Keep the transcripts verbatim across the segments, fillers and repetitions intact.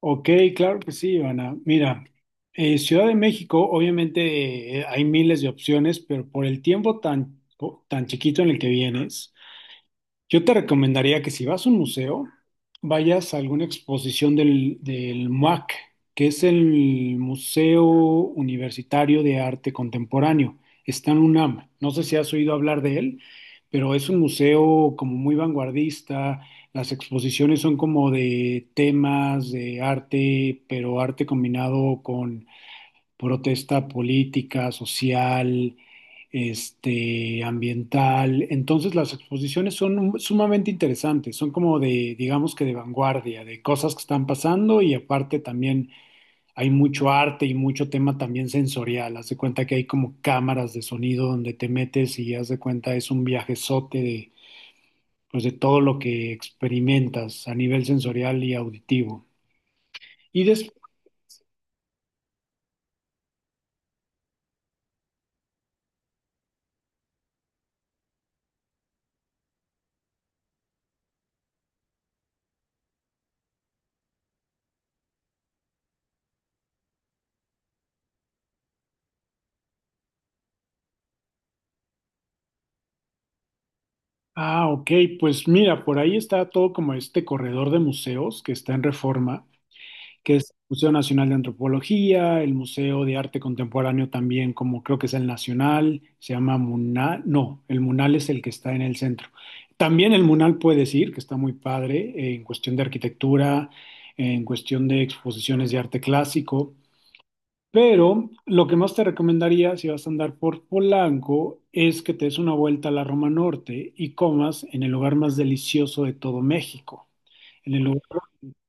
Ok, claro que sí, Ivana. Mira, eh, Ciudad de México, obviamente eh, hay miles de opciones, pero por el tiempo tan, po- tan chiquito en el que vienes, yo te recomendaría que si vas a un museo, vayas a alguna exposición del, del M U A C, que es el Museo Universitario de Arte Contemporáneo. Está en UNAM. No sé si has oído hablar de él, pero es un museo como muy vanguardista. Las exposiciones son como de temas de arte, pero arte combinado con protesta política, social, este, ambiental. Entonces las exposiciones son un- sumamente interesantes, son como de, digamos que de vanguardia, de cosas que están pasando, y aparte también hay mucho arte y mucho tema también sensorial. Haz de cuenta que hay como cámaras de sonido donde te metes, y haz de cuenta es un viajezote de, pues de todo lo que experimentas a nivel sensorial y auditivo. Y después... Ah, ok, pues mira, por ahí está todo como este corredor de museos que está en Reforma, que es el Museo Nacional de Antropología, el Museo de Arte Contemporáneo también, como creo que es el Nacional, se llama MUNAL. No, el MUNAL es el que está en el centro. También el MUNAL puede decir que está muy padre, eh, en cuestión de arquitectura, en cuestión de exposiciones de arte clásico, pero lo que más te recomendaría si vas a andar por Polanco es que te des una vuelta a la Roma Norte y comas en el lugar más delicioso de todo México, en el lugar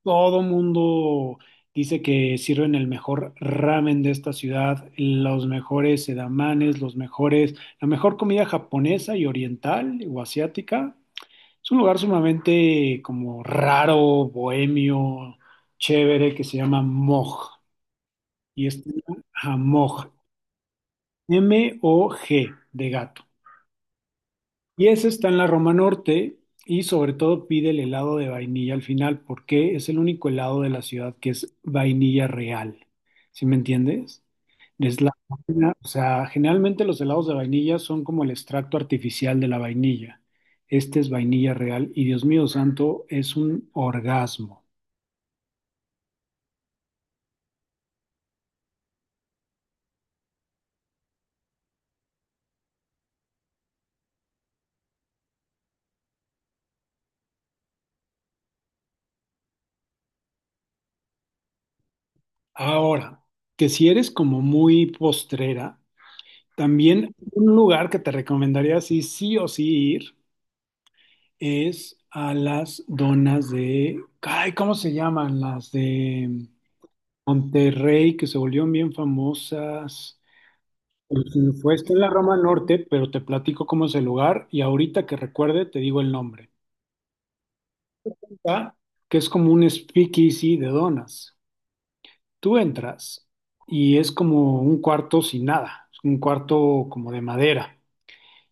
todo mundo dice que sirven el mejor ramen de esta ciudad, los mejores sedamanes, los mejores, la mejor comida japonesa y oriental o asiática. Es un lugar sumamente como raro, bohemio, chévere, que se llama Moj, y es ajá, Moj, M O G de gato. Y ese está en la Roma Norte, y sobre todo pide el helado de vainilla al final porque es el único helado de la ciudad que es vainilla real. ¿Sí me entiendes? Es la, o sea, generalmente los helados de vainilla son como el extracto artificial de la vainilla. Este es vainilla real y Dios mío santo, es un orgasmo. Ahora, que si eres como muy postrera, también un lugar que te recomendaría sí, sí o sí ir es a las donas de, ay, ¿cómo se llaman? Las de Monterrey, que se volvieron bien famosas. Pues, Fue está en la Roma Norte, pero te platico cómo es el lugar, y ahorita que recuerde te digo el nombre. Está, Que es como un speakeasy de donas. Tú entras y es como un cuarto sin nada, es un cuarto como de madera.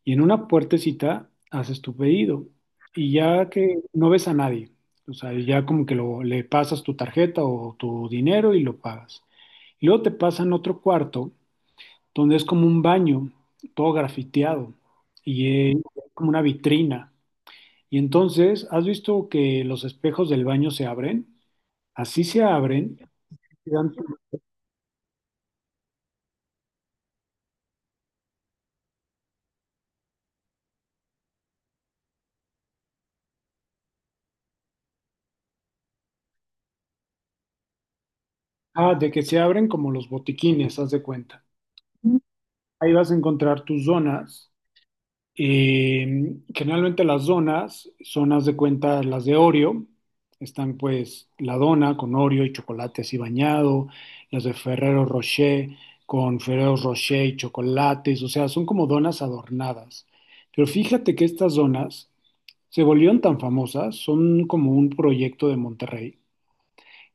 Y en una puertecita haces tu pedido, y ya que no ves a nadie, o sea, ya como que lo, le pasas tu tarjeta o tu dinero y lo pagas. Y luego te pasan otro cuarto donde es como un baño, todo grafiteado, y es como una vitrina. Y entonces, ¿has visto que los espejos del baño se abren? Así se abren, y dan- ah, de que se abren como los botiquines, haz de cuenta. Ahí vas a encontrar tus donas Eh, Generalmente las donas son, haz de cuenta, las de Oreo. Están pues la dona con Oreo y chocolate así bañado, las de Ferrero Rocher con Ferrero Rocher y chocolates, o sea, son como donas adornadas. Pero fíjate que estas donas se volvieron tan famosas, son como un proyecto de Monterrey,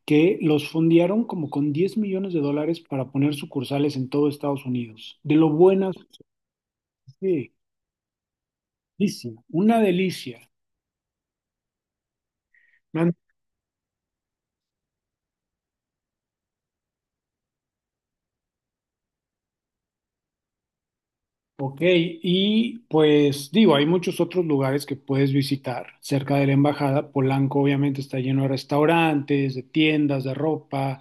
que los fondearon como con diez millones de dólares para poner sucursales en todo Estados Unidos. De lo buenas, sí, delicia, una delicia. Ok, y pues digo, hay muchos otros lugares que puedes visitar cerca de la embajada. Polanco obviamente está lleno de restaurantes, de tiendas, de ropa.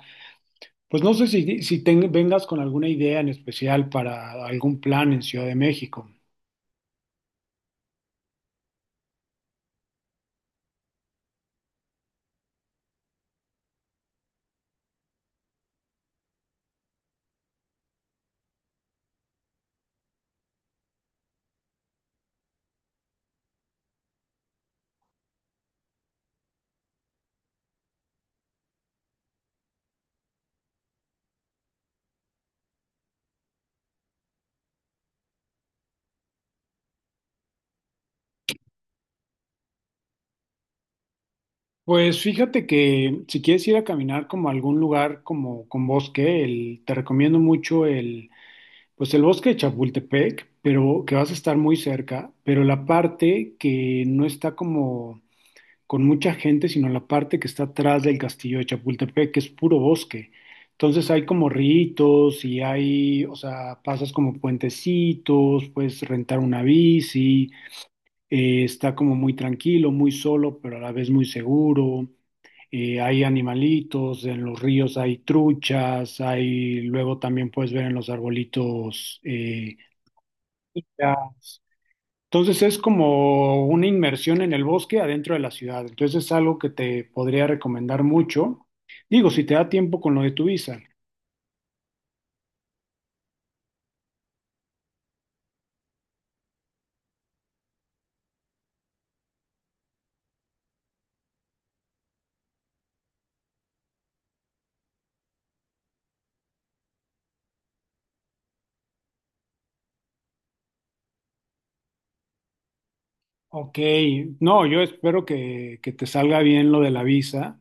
Pues no sé si, si ten- vengas con alguna idea en especial para algún plan en Ciudad de México. Pues fíjate que si quieres ir a caminar como a algún lugar como con bosque, el- te recomiendo mucho el, pues el bosque de Chapultepec, pero que vas a estar muy cerca, pero la parte que no está como con mucha gente, sino la parte que está atrás del castillo de Chapultepec, que es puro bosque. Entonces hay como ríos y hay, o sea, pasas como puentecitos, puedes rentar una bici, eh, está como muy tranquilo, muy solo, pero a la vez muy seguro. Eh, hay animalitos, en los ríos hay truchas, hay, luego también puedes ver en los arbolitos eh, icas. Entonces es como una inmersión en el bosque adentro de la ciudad. Entonces es algo que te podría recomendar mucho. Digo, si te da tiempo con lo de tu visa. Ok, no, yo espero que, que te salga bien lo de la visa.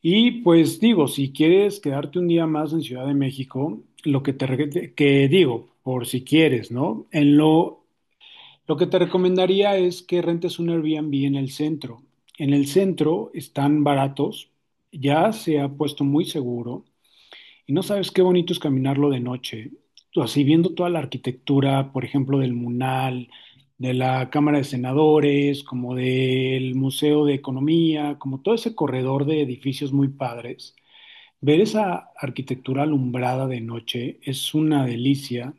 Y pues digo, si quieres quedarte un día más en Ciudad de México, lo que te re- que digo, por si quieres, ¿no? En lo, lo que te recomendaría es que rentes un Airbnb en el centro. En el centro están baratos, ya se ha puesto muy seguro. Y no sabes qué bonito es caminarlo de noche, así viendo toda la arquitectura, por ejemplo, del MUNAL, de la Cámara de Senadores, como del Museo de Economía, como todo ese corredor de edificios muy padres. Ver esa arquitectura alumbrada de noche es una delicia,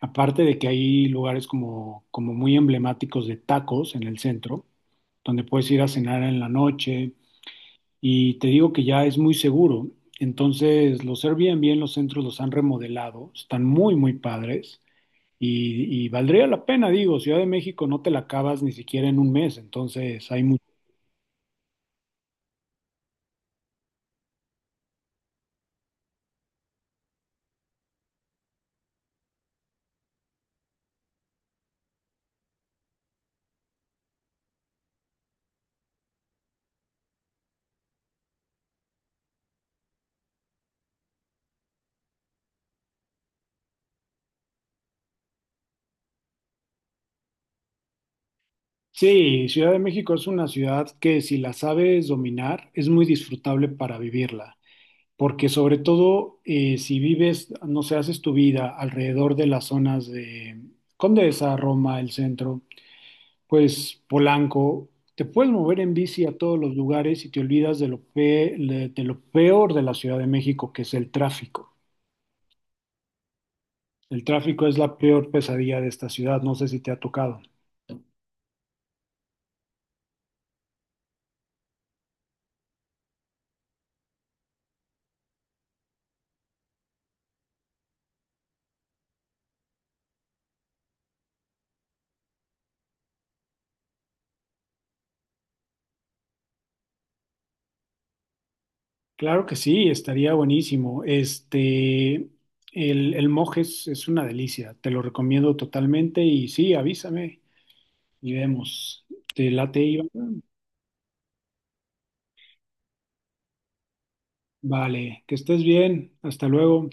aparte de que hay lugares como, como muy emblemáticos de tacos en el centro, donde puedes ir a cenar en la noche, y te digo que ya es muy seguro. Entonces, los Airbnb en los centros los han remodelado, están muy, muy padres, y, y valdría la pena, digo, Ciudad de México no te la acabas ni siquiera en un mes, entonces hay mucho. Sí, Ciudad de México es una ciudad que si la sabes dominar es muy disfrutable para vivirla, porque sobre todo eh, si vives, no sé, haces tu vida alrededor de las zonas de Condesa, Roma, el centro, pues Polanco, te puedes mover en bici a todos los lugares y te olvidas de lo, pe- le- de lo peor de la Ciudad de México, que es el tráfico. El tráfico es la peor pesadilla de esta ciudad, no sé si te ha tocado. Claro que sí, estaría buenísimo. Este, el, el Mojes es una delicia, te lo recomiendo totalmente y sí, avísame y vemos. ¿Te late, Iván? Vale, que estés bien, hasta luego.